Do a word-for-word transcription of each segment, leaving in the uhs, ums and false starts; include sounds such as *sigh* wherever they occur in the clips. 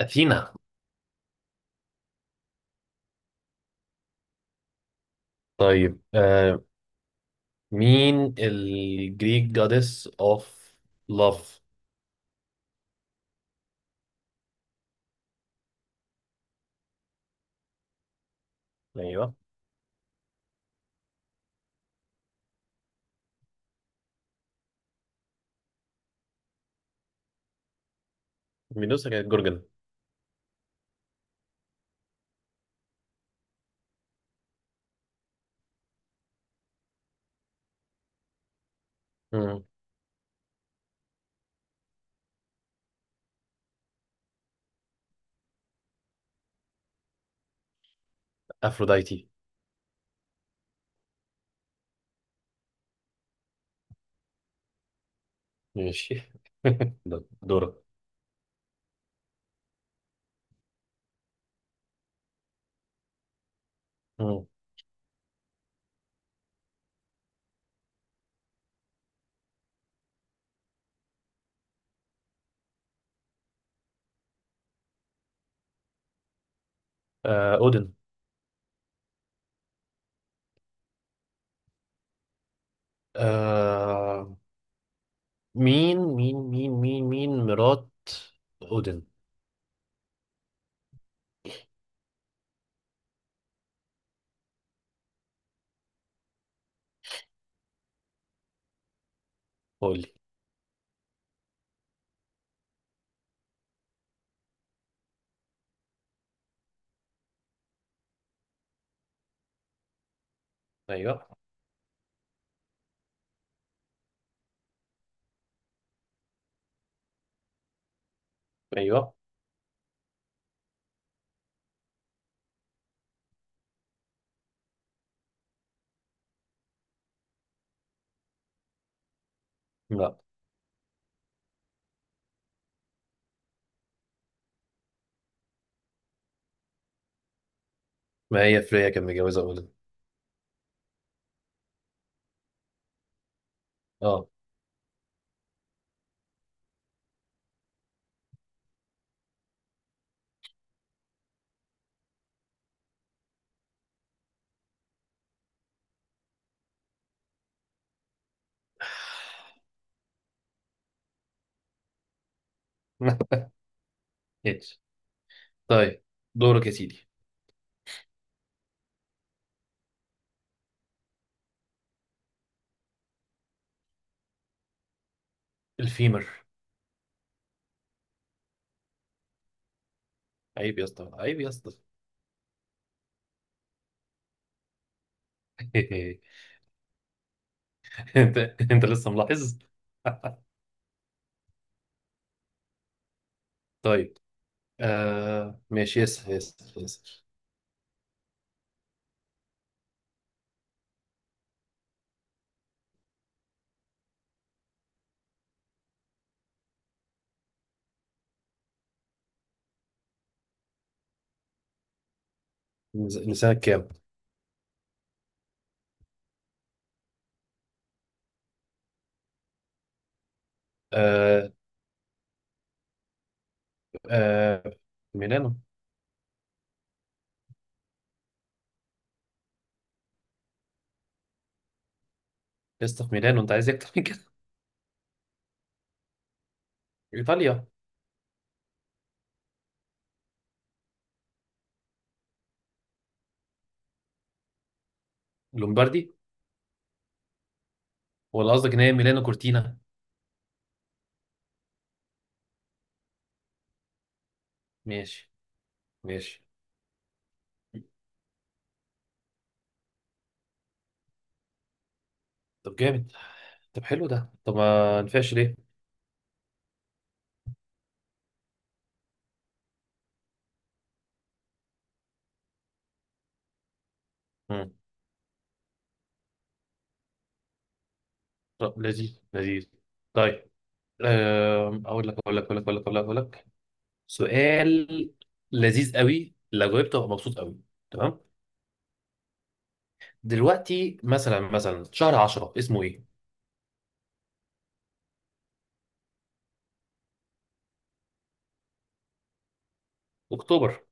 أثينا. طيب. آه مين الجريك جادس اوف لاف؟ ايوه. ميدوسا كانت جورجن. مم. افروديتي. ماشي. *laughs* ده دورك. مم. آه، اودن. آه مين مين مين مين مين مرات اودن؟ قول لي. ايوه، ايوه. لا، ما هي فريا كان متجوزه اودن. اه. *laughs* ماشي. طيب، دورك يا سيدي. الفيمر. عيب يا اسطى، عيب يا اسطى. *laughs* *laughs* انت انت لسه ملاحظ؟ *laughs* طيب. آه ماشي، ياسر ياسر ياسر. نز- لسانك كام؟ آه آه ميلانو. لسه في ميلانو، انت عايز إيه اكتر من كده؟ ايطاليا. لومباردي. ولا قصدك ان هي ميلانو كورتينا؟ ماشي. ماشي. طب جامد. طب حلو ده. طب ما نفعش ليه؟ مم. طب لذيذ لذيذ. طيب. آه اقول لك اقول لك اقول لك اقول لك اقول لك أقول لك. سؤال لذيذ قوي. لو جاوبته هبقى مبسوط قوي. تمام. دلوقتي، مثلا مثلا، شهر عشرة اسمه ايه؟ اكتوبر.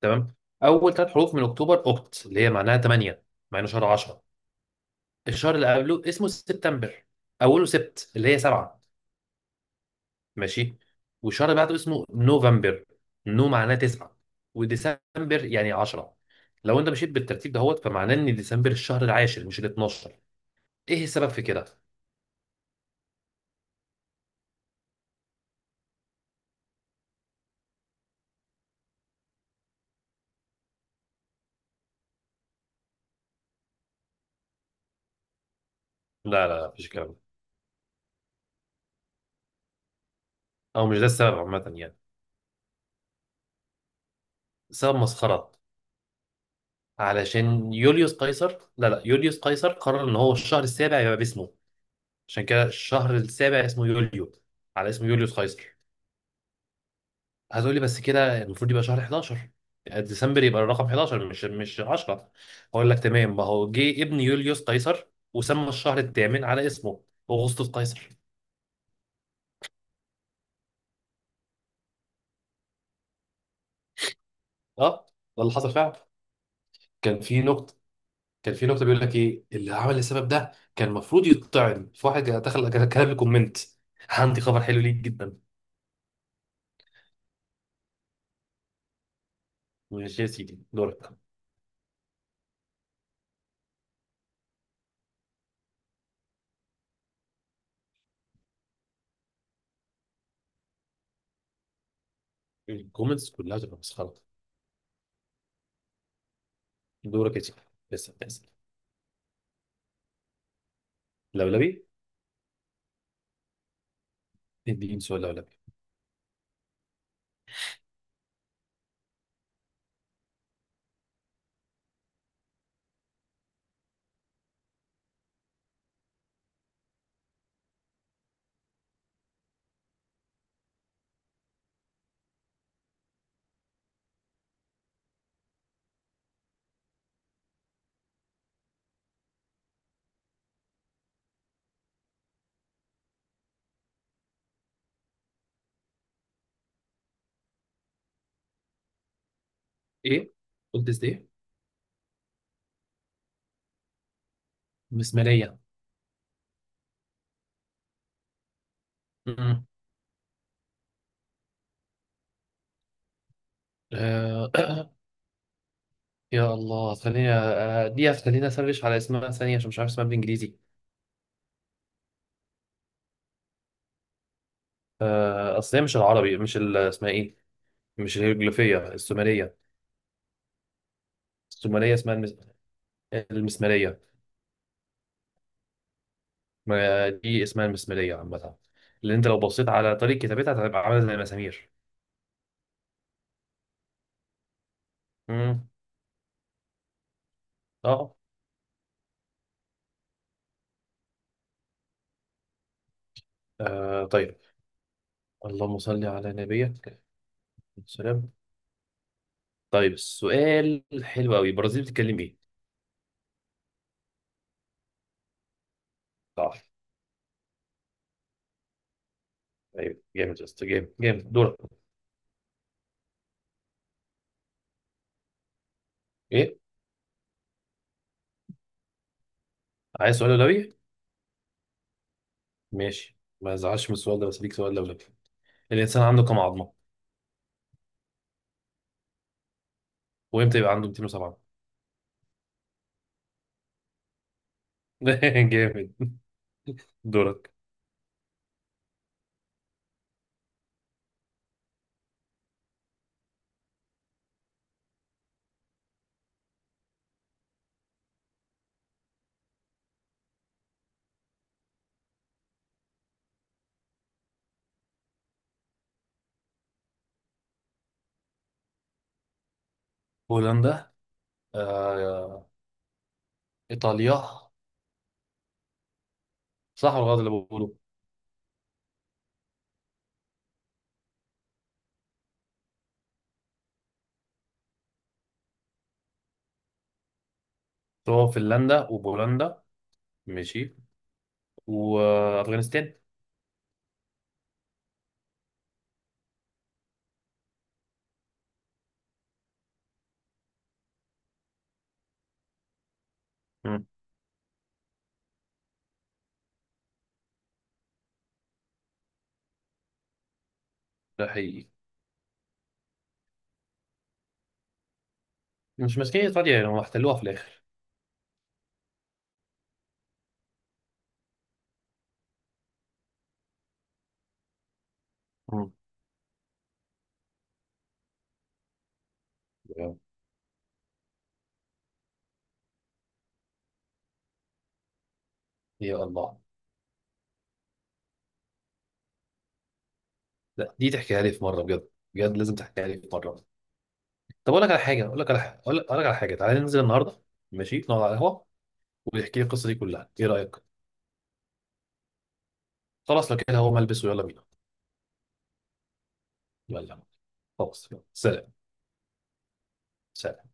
تمام؟ اول ثلاث حروف من اكتوبر اوكت، اللي هي معناها ثمانية، مع انه شهر عشرة. الشهر اللي قبله اسمه سبتمبر. اوله سبت اللي هي سبعة. ماشي؟ والشهر اللي بعده اسمه نوفمبر. نو معناه تسعة. وديسمبر يعني عشرة. لو انت مشيت بالترتيب دهوت، فمعناه ان ديسمبر الشهر العاشر مش ال اتناشر. ايه السبب في كده؟ لا، لا، لا، مفيش كلام. او مش ده السبب عامة يعني. سبب مسخرة. علشان يوليوس قيصر، لا لا، يوليوس قيصر قرر ان هو الشهر السابع يبقى باسمه. عشان كده الشهر السابع اسمه يوليو على اسم يوليوس قيصر. هتقولي بس كده المفروض يبقى شهر حداشر. ديسمبر يبقى الرقم حداشر، مش مش عشرة. هقول لك. تمام، ما هو جه ابن يوليوس قيصر وسمى الشهر الثامن على اسمه. اغسطس قيصر. اه، ده اللي حصل فعلا. كان في نقطة كان في نقطة بيقول لك ايه اللي عمل السبب ده، كان المفروض يتطعن في واحد دخل كتب لي كومنت: عندي خبر حلو ليك جدا. ماشي يا سيدي. دورك. الكومنتس كلها تبقى مسخره. دورك يا سيدي. لسه بتحصل. لولبي. اديني سؤال لولبي. ايه؟ قلت ازاي؟ مسماريه. مم. آه. *coughs* *clears throat* يا الله، خليني آه، دي خليني اسرش على اسمها ثانيه، عشان مش عارف اسمها بالانجليزي. آه. اصل هي مش العربي، مش ال- اسمها ايه، مش الهيروغليفيه، السومريه. السومريه اسمها المس... المسماريه. ما دي اسمها المسماريه عامه. اللي انت لو بصيت على طريقه كتابتها هتبقى عامله زي المسامير. مم. اه. آه، طيب. اللهم صل على نبيك. السلام. طيب، السؤال حلو قوي. البرازيل بتتكلم ايه؟ صح. ايوه جامد يا اسطى، جامد جامد. دورك. ايه؟ عايز سؤال لولبي. ماشي. ما ازعلش من السؤال ده بس، ليك سؤال لولبي. الانسان عنده كام عظمه؟ وامتى يبقى عنده ميتين وسبعة؟ *laughs* جامد. دورك. هولندا، آه... ايطاليا. صح ولا غلط اللي بقوله؟ هو فنلندا وبولندا. ماشي. وافغانستان. مم. ده حقيقي. مش ماسكين ايطاليا يعني، هم احتلوها في الاخر. مم. يا يا الله. لا، دي تحكيها لي في مره بجد. بجد لازم تحكيها لي في مره. طب اقول لك على حاجه اقول لك على حاجه اقول لك على حاجه، تعالى ننزل النهارده. ماشي، نقعد على القهوه، ويحكي لي القصه دي كلها. ايه رايك؟ خلاص، لو كده هو ملبس. ويلا بينا. يلا. خلاص، يلا. سلام، سلام.